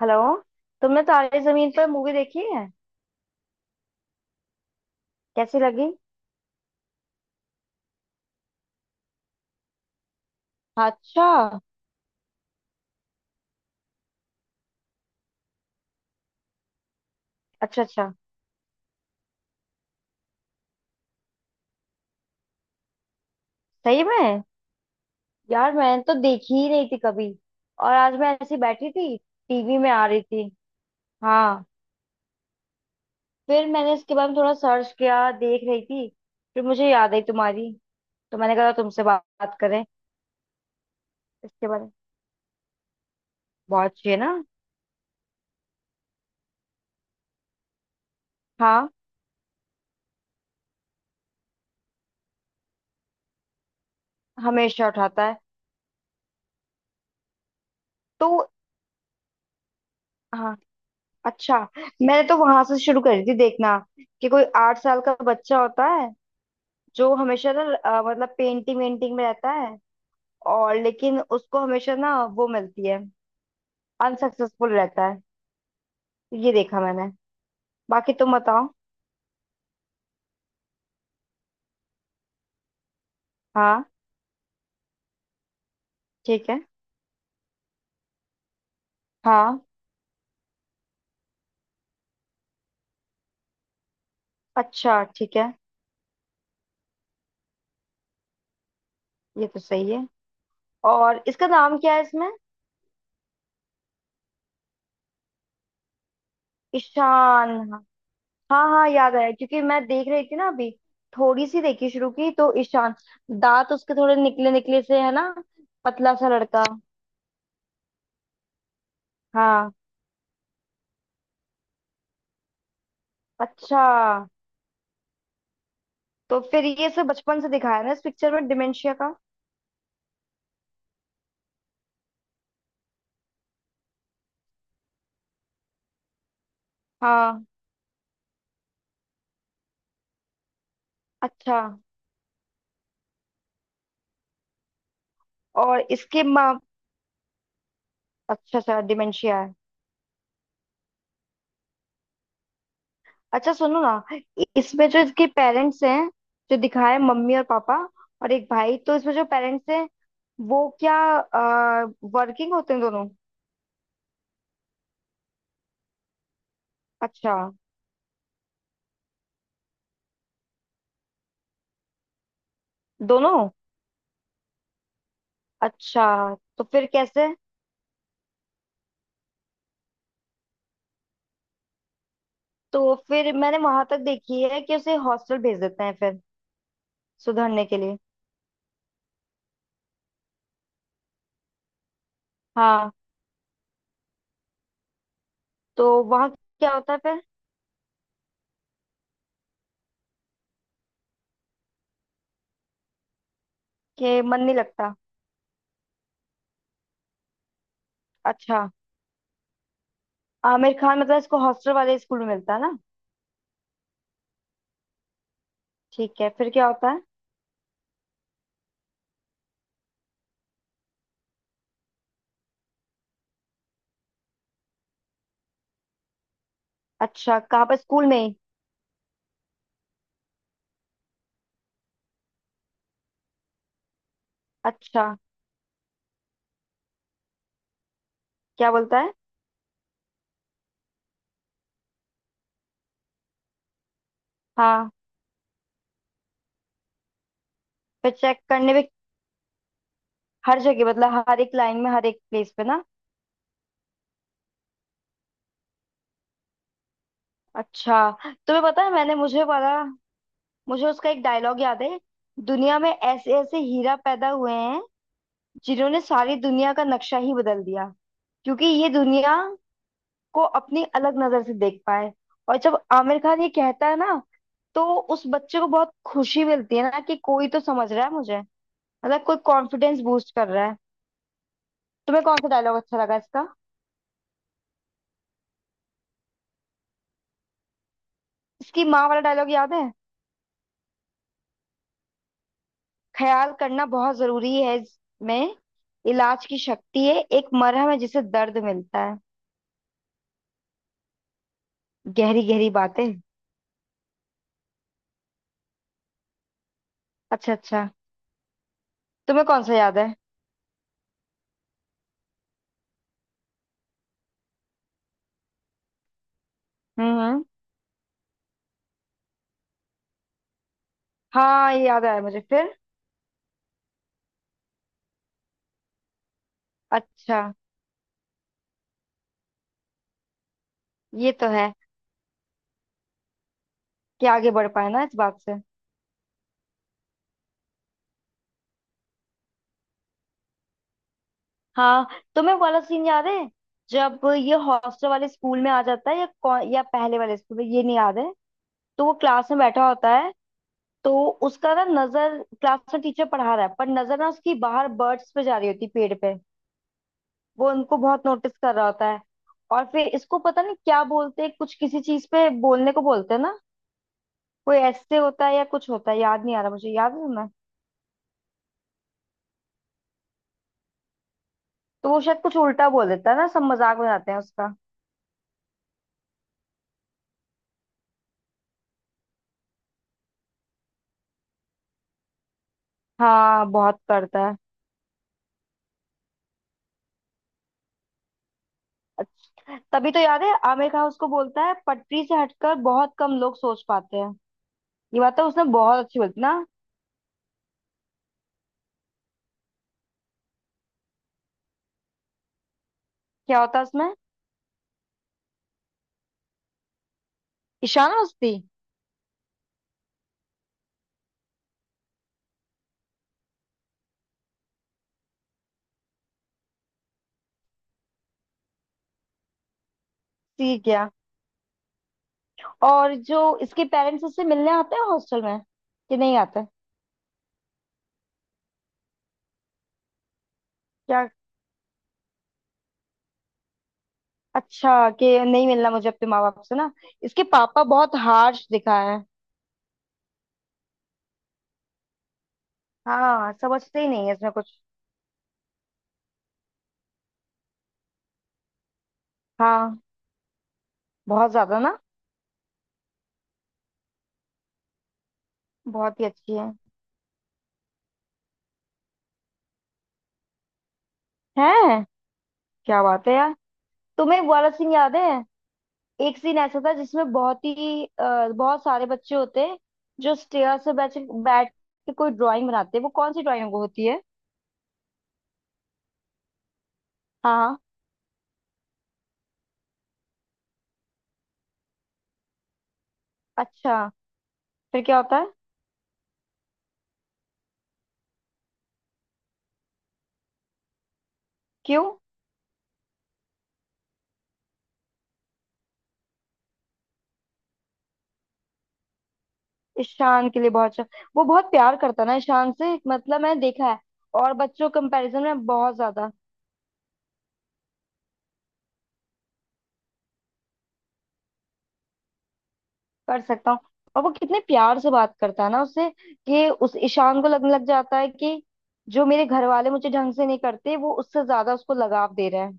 Hello. तुमने Taare Zameen Par movie देखी है? कैसी लगी? अच्छा अच्छा अच्छा। सही में? यार मैंने तो देखी ही नहीं थी कभी। और आज मैं ऐसी बैठी थी, टीवी में आ रही थी। हाँ। फिर मैंने इसके बारे में थोड़ा सर्च किया, देख रही थी। फिर मुझे याद आई तुम्हारी। तो मैंने कहा तुमसे बात बात करें इसके बारे में। बहुत अच्छी है ना। हाँ, हमेशा उठाता है। तो। हाँ। अच्छा, मैंने तो वहां से शुरू करी थी देखना कि कोई 8 साल का बच्चा होता है जो हमेशा ना मतलब पेंटिंग वेंटिंग में रहता है और लेकिन उसको हमेशा ना वो मिलती है, अनसक्सेसफुल रहता है। ये देखा मैंने, बाकी तुम बताओ। हाँ। ठीक है। हाँ। अच्छा ठीक है। ये तो सही है। और इसका नाम क्या है इसमें? ईशान, हाँ। हाँ हाँ, याद आया क्योंकि मैं देख रही थी ना अभी। थोड़ी सी देखी शुरू की, तो ईशान दांत उसके थोड़े निकले निकले से है ना। पतला सा लड़का। हाँ। अच्छा, तो फिर ये सब बचपन से दिखाया ना इस पिक्चर में डिमेंशिया का। हाँ। अच्छा, और इसके माँ? अच्छा अच्छा, डिमेंशिया है। अच्छा सुनो ना, इसमें जो इसके पेरेंट्स हैं, जो दिखाए मम्मी और पापा, और एक भाई, तो इसमें जो पेरेंट्स हैं वो क्या, वर्किंग होते हैं दोनों? अच्छा, दोनों। अच्छा, तो फिर कैसे? तो फिर मैंने वहां तक देखी है कि उसे हॉस्टल भेज देते हैं फिर, सुधरने के लिए। हाँ। तो वहां क्या होता है फिर? कि मन नहीं लगता। अच्छा। आमिर खान मतलब इसको हॉस्टल वाले स्कूल में मिलता है ना। ठीक है, फिर क्या होता है? अच्छा, कहाँ पर, स्कूल में ही? अच्छा क्या बोलता है? हाँ। फिर चेक करने भी। हर जगह मतलब हर एक लाइन में हर एक प्लेस पे ना। अच्छा। तुम्हें पता है, मैंने मुझे वाला, मुझे उसका एक डायलॉग याद है। दुनिया में ऐसे ऐसे हीरा पैदा हुए हैं जिन्होंने सारी दुनिया का नक्शा ही बदल दिया, क्योंकि ये दुनिया को अपनी अलग नजर से देख पाए। और जब आमिर खान ये कहता है ना, तो उस बच्चे को बहुत खुशी मिलती है ना, कि कोई तो समझ रहा है मुझे, मतलब कोई कॉन्फिडेंस बूस्ट कर रहा है। तुम्हें कौन सा डायलॉग अच्छा लगा इसका? इसकी माँ वाला डायलॉग याद है। ख्याल करना बहुत जरूरी है इसमें। इलाज की शक्ति है, एक मरहम है जिसे दर्द मिलता है। गहरी गहरी बातें। अच्छा अच्छा। तुम्हें कौन सा याद है? हम्म। हाँ, ये याद आया मुझे फिर। अच्छा। ये तो है, कि आगे बढ़ पाए ना इस बात से। हाँ। तुम्हें वो वाला सीन याद है, जब ये हॉस्टल वाले स्कूल में आ जाता है, या कौन, या पहले वाले स्कूल में, ये नहीं याद है। तो वो क्लास में बैठा होता है, तो उसका ना नजर, क्लास में टीचर पढ़ा रहा है पर नजर ना उसकी बाहर बर्ड्स पे जा रही होती है, पेड़ पे। वो उनको बहुत नोटिस कर रहा होता है। और फिर इसको पता नहीं क्या बोलते हैं, कुछ किसी चीज पे बोलने को बोलते हैं ना, कोई ऐसे होता है या कुछ होता है, याद नहीं आ रहा, मुझे याद है तुम्हें? तो वो शायद कुछ उल्टा बोल देता है ना, सब मजाक बनाते हैं उसका। हाँ बहुत करता है। अच्छा तभी तो याद है, आमिर खान उसको बोलता है पटरी से हटकर बहुत कम लोग सोच पाते हैं। ये बात तो उसने बहुत अच्छी बोली थी ना। क्या होता है उसमें, ईशान अवस्थी? ठीक है। और जो इसके पेरेंट्स उससे मिलने आते हैं हॉस्टल में, कि नहीं आते? क्या? अच्छा, कि नहीं मिलना मुझे अपने माँ बाप से ना। इसके पापा बहुत हार्श दिखा है। हाँ, समझते ही नहीं है इसमें कुछ। हाँ। बहुत ज्यादा ना। बहुत ही अच्छी है। है। क्या बात है यार। तुम्हें ग्वाला सिंह याद है? एक सीन ऐसा था जिसमें बहुत ही बहुत सारे बच्चे होते हैं, जो स्टेयर से बैठ बैठ के कोई ड्राइंग बनाते हैं। वो कौन सी ड्राइंग होती है? हाँ हाँ। अच्छा, फिर क्या होता है? क्यों? ईशान के लिए बहुत अच्छा। वो बहुत प्यार करता है ना ईशान से, मतलब मैंने देखा है। और बच्चों कंपैरिजन में बहुत ज्यादा। कर सकता हूँ। और वो कितने प्यार से बात करता है ना उससे, कि उस ईशान को लगने लग जाता है कि जो मेरे घर वाले मुझे ढंग से नहीं करते, वो उससे ज्यादा उसको लगाव दे रहे हैं।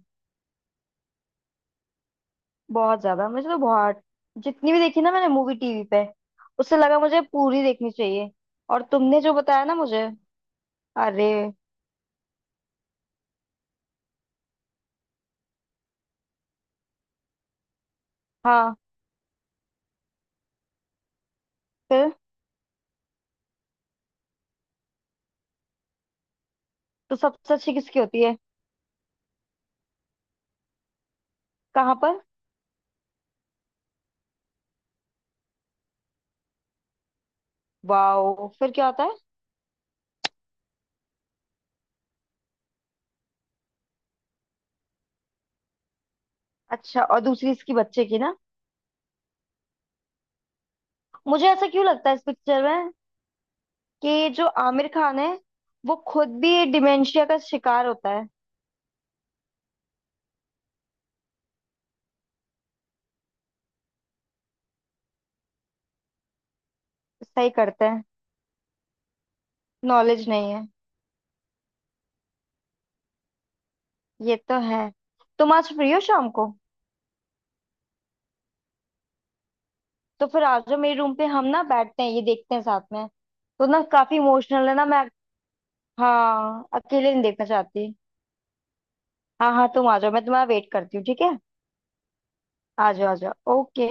बहुत ज्यादा, मुझे तो बहुत, जितनी भी देखी ना मैंने मूवी टीवी पे, उससे लगा मुझे पूरी देखनी चाहिए। और तुमने जो बताया ना मुझे। अरे। हाँ। फिर तो सबसे अच्छी किसकी होती है? कहाँ पर? वाओ, फिर क्या होता है? अच्छा, और दूसरी इसकी बच्चे की ना। मुझे ऐसा क्यों लगता है इस पिक्चर में, कि जो आमिर खान है वो खुद भी डिमेंशिया का शिकार होता है? सही करते हैं। नॉलेज नहीं है। ये तो है। तुम आज फ्री हो शाम को? तो फिर आ जाओ मेरे रूम पे, हम ना बैठते हैं ये देखते हैं साथ में। तो ना काफी इमोशनल है ना मैं, हाँ, अकेले नहीं देखना चाहती। हाँ हाँ, तुम आ जाओ, मैं तुम्हारा वेट करती हूँ, ठीक है। आ जाओ आ जाओ, ओके।